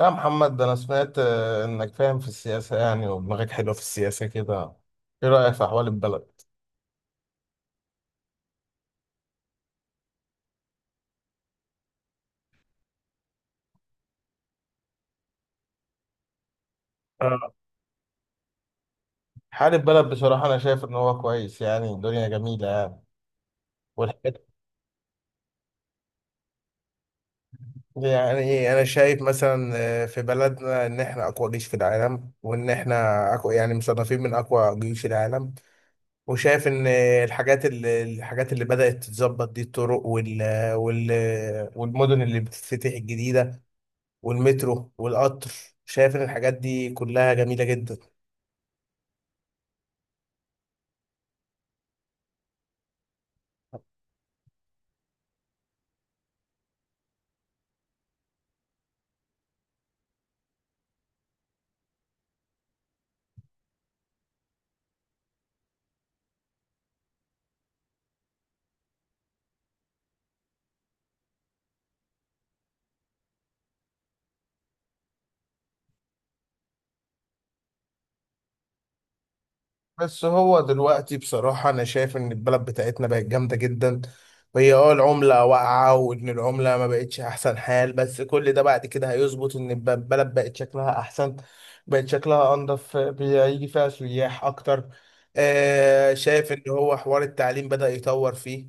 يا محمد ده أنا سمعت إنك فاهم في السياسة، يعني ودماغك حلوة في السياسة كده. إيه رأيك في أحوال البلد؟ آه، حال البلد بصراحة أنا شايف إن هو كويس، يعني الدنيا جميلة يعني. والحاجات يعني إيه، أنا شايف مثلا في بلدنا إن إحنا أقوى جيش في العالم، وإن إحنا أقوى، يعني مصنفين من أقوى جيوش العالم. وشايف إن الحاجات اللي بدأت تتظبط دي الطرق وال والمدن اللي بتتفتح الجديدة، والمترو والقطر. شايف ان الحاجات دي كلها جميلة جدا. بس هو دلوقتي بصراحة انا شايف ان البلد بتاعتنا بقت جامدة جدا، وهي العملة واقعة، وان العملة ما بقتش احسن حال، بس كل ده بعد كده هيظبط ان البلد بقت شكلها احسن. بقت شكلها انضف، بيجي فيها سياح اكتر. شايف ان هو حوار التعليم بدأ يطور فيه.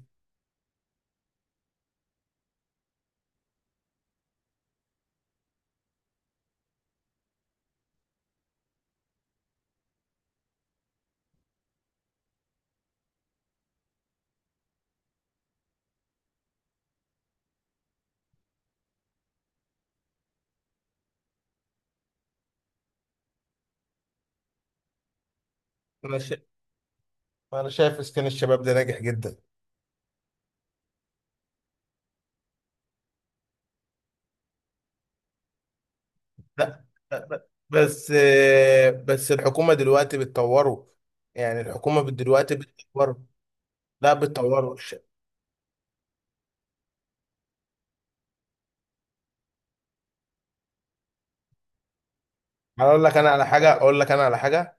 انا شايف انا شايف اسكان الشباب ده ناجح جدا. لا، بس الحكومة دلوقتي بتطوره. يعني الحكومة دلوقتي بتطوره. لا بتطوره. هقول لك انا على حاجة.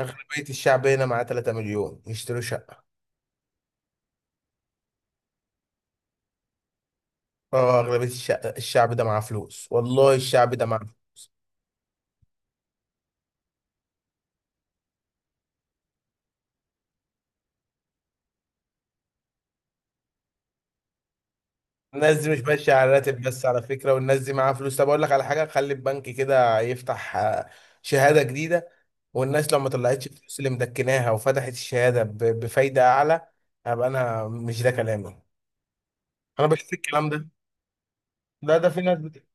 اغلبية الشعب هنا معاه 3 مليون يشتروا شقة. اه اغلبية الشعب ده معاه فلوس، والله الشعب ده معاه فلوس. الناس دي مش ماشيه على راتب بس على فكره، والناس دي معاها فلوس. طب اقول لك على حاجه، خلي البنك كده يفتح شهاده جديده. والناس لو ما طلعتش الفلوس اللي مدكناها وفتحت الشهاده بفايده اعلى، هبقى انا. مش ده كلامي، انا بشوف الكلام ده. لا ده في ناس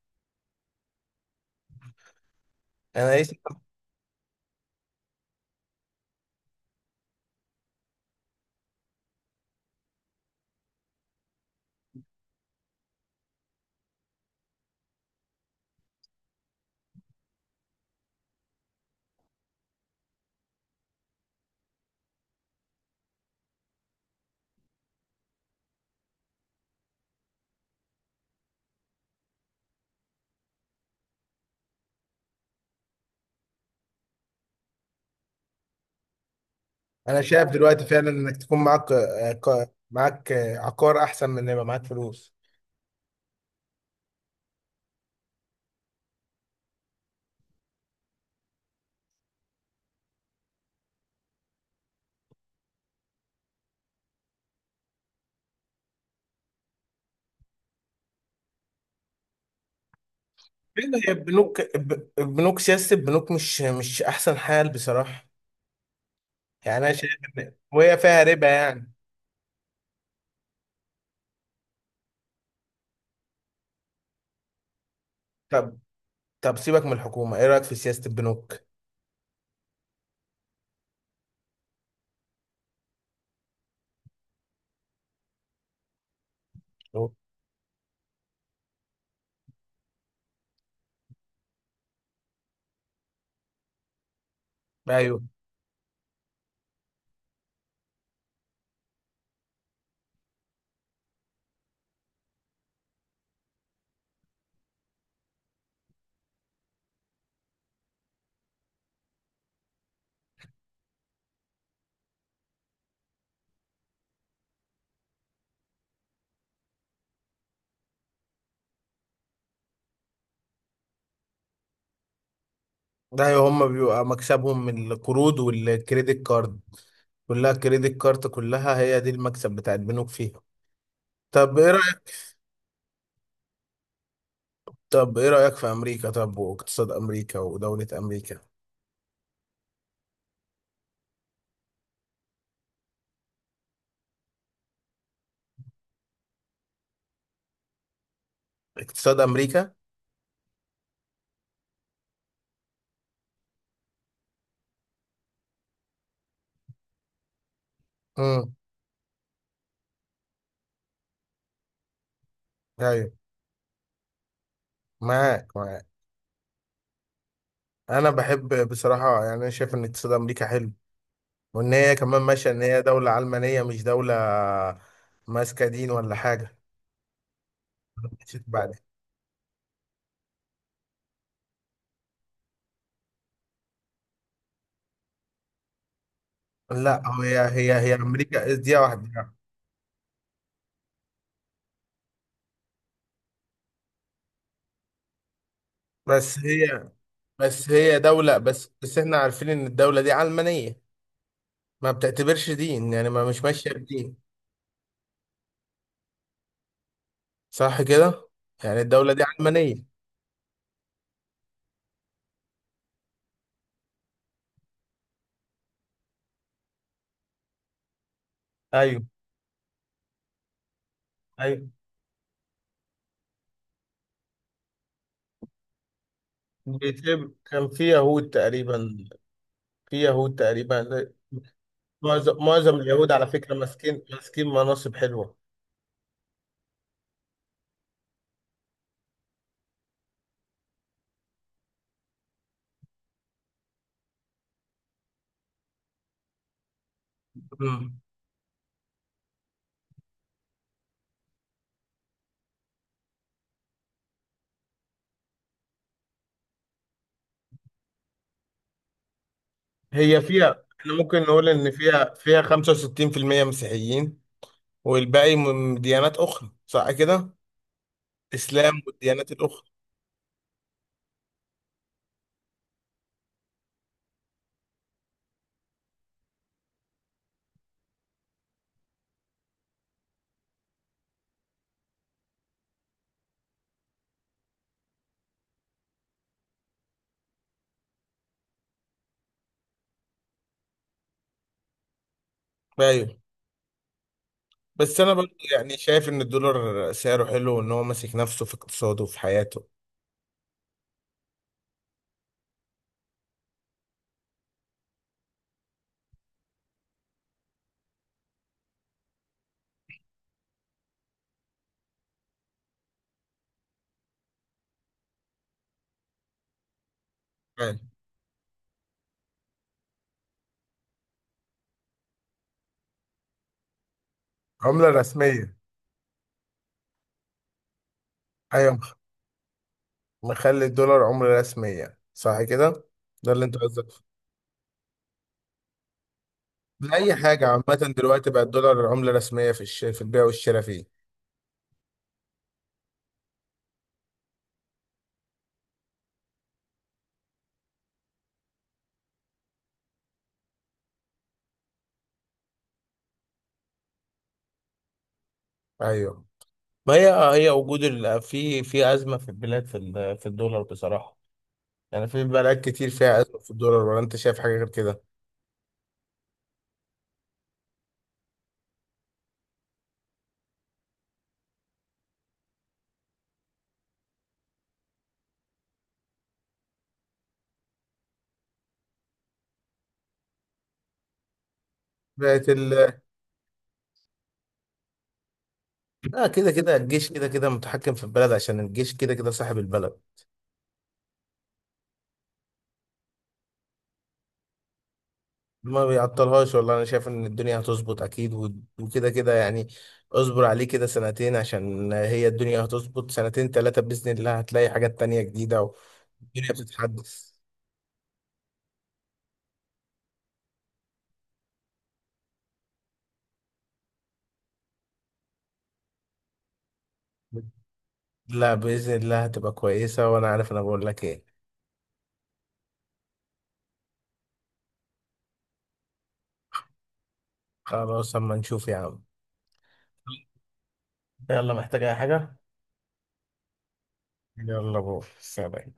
انا إيه؟ انا شايف دلوقتي فعلا انك تكون معاك عقار احسن من ان يبقى معاك فلوس. فين هي البنوك، سياسه البنوك مش احسن حال بصراحه. يعني انا شايف ان وهي فيها ربا، يعني. طب سيبك من الحكومة، ايه رأيك في سياسة البنوك؟ أهو. ايوه. ده ايوه، هم بيبقى مكسبهم من القروض والكريدت كارد. كلها كريدت كارد، كلها هي دي المكسب بتاع البنوك فيها. طب ايه رأيك طب ايه رأيك في امريكا؟ طب واقتصاد امريكا ودولة امريكا؟ اقتصاد امريكا. امم. ايوه، معاك معاك. انا بحب بصراحة، يعني انا شايف ان اقتصاد امريكا حلو، وان هي كمان ماشية ان هي دولة علمانية، مش دولة ماسكة دين ولا حاجة. بعد. لا، هي امريكا دي واحده يعني. بس هي بس هي دوله. بس احنا عارفين ان الدوله دي علمانيه، ما بتعتبرش دين، يعني ما مش ماشيه بدين، صح كده؟ يعني الدوله دي علمانيه. ايوه. ايوه، بيتهيألي كان في يهود تقريبا. في يهود تقريبا، معظم اليهود على فكره ماسكين مناصب حلوه. مم. هي فيها، احنا ممكن نقول ان فيها 65% مسيحيين، والباقي من ديانات اخرى، صح كده؟ اسلام والديانات الاخرى. ايوه. بس انا برضه يعني شايف ان الدولار سعره حلو، وان هو ماسك نفسه في اقتصاده وفي حياته. أيوة. عملة رسمية. ايوه، مخلي الدولار عملة رسمية، صح كده؟ ده اللي انت قصدك فيه. لأي حاجة عامة دلوقتي بقى الدولار عملة رسمية في في البيع والشراء فيه. ايوه. ما هي، هي وجود في أزمة في البلاد في في الدولار بصراحة، يعني في بلاد كتير فيها أزمة في الدولار، ولا انت شايف حاجة غير كده؟ بقت ال... لا، كده كده الجيش كده كده متحكم في البلد، عشان الجيش كده كده صاحب البلد. ما بيعطلهاش، والله انا شايف ان الدنيا هتظبط اكيد، وكده كده يعني. اصبر عليه كده سنتين، عشان هي الدنيا هتظبط سنتين ثلاثة بإذن الله، هتلاقي حاجات تانية جديدة. والدنيا بتتحدث. لا، بإذن الله هتبقى كويسة، وانا عارف انا بقول لك ايه. خلاص، اما نشوف يا عم. يلا، محتاج اي حاجة؟ يلا بو سلام.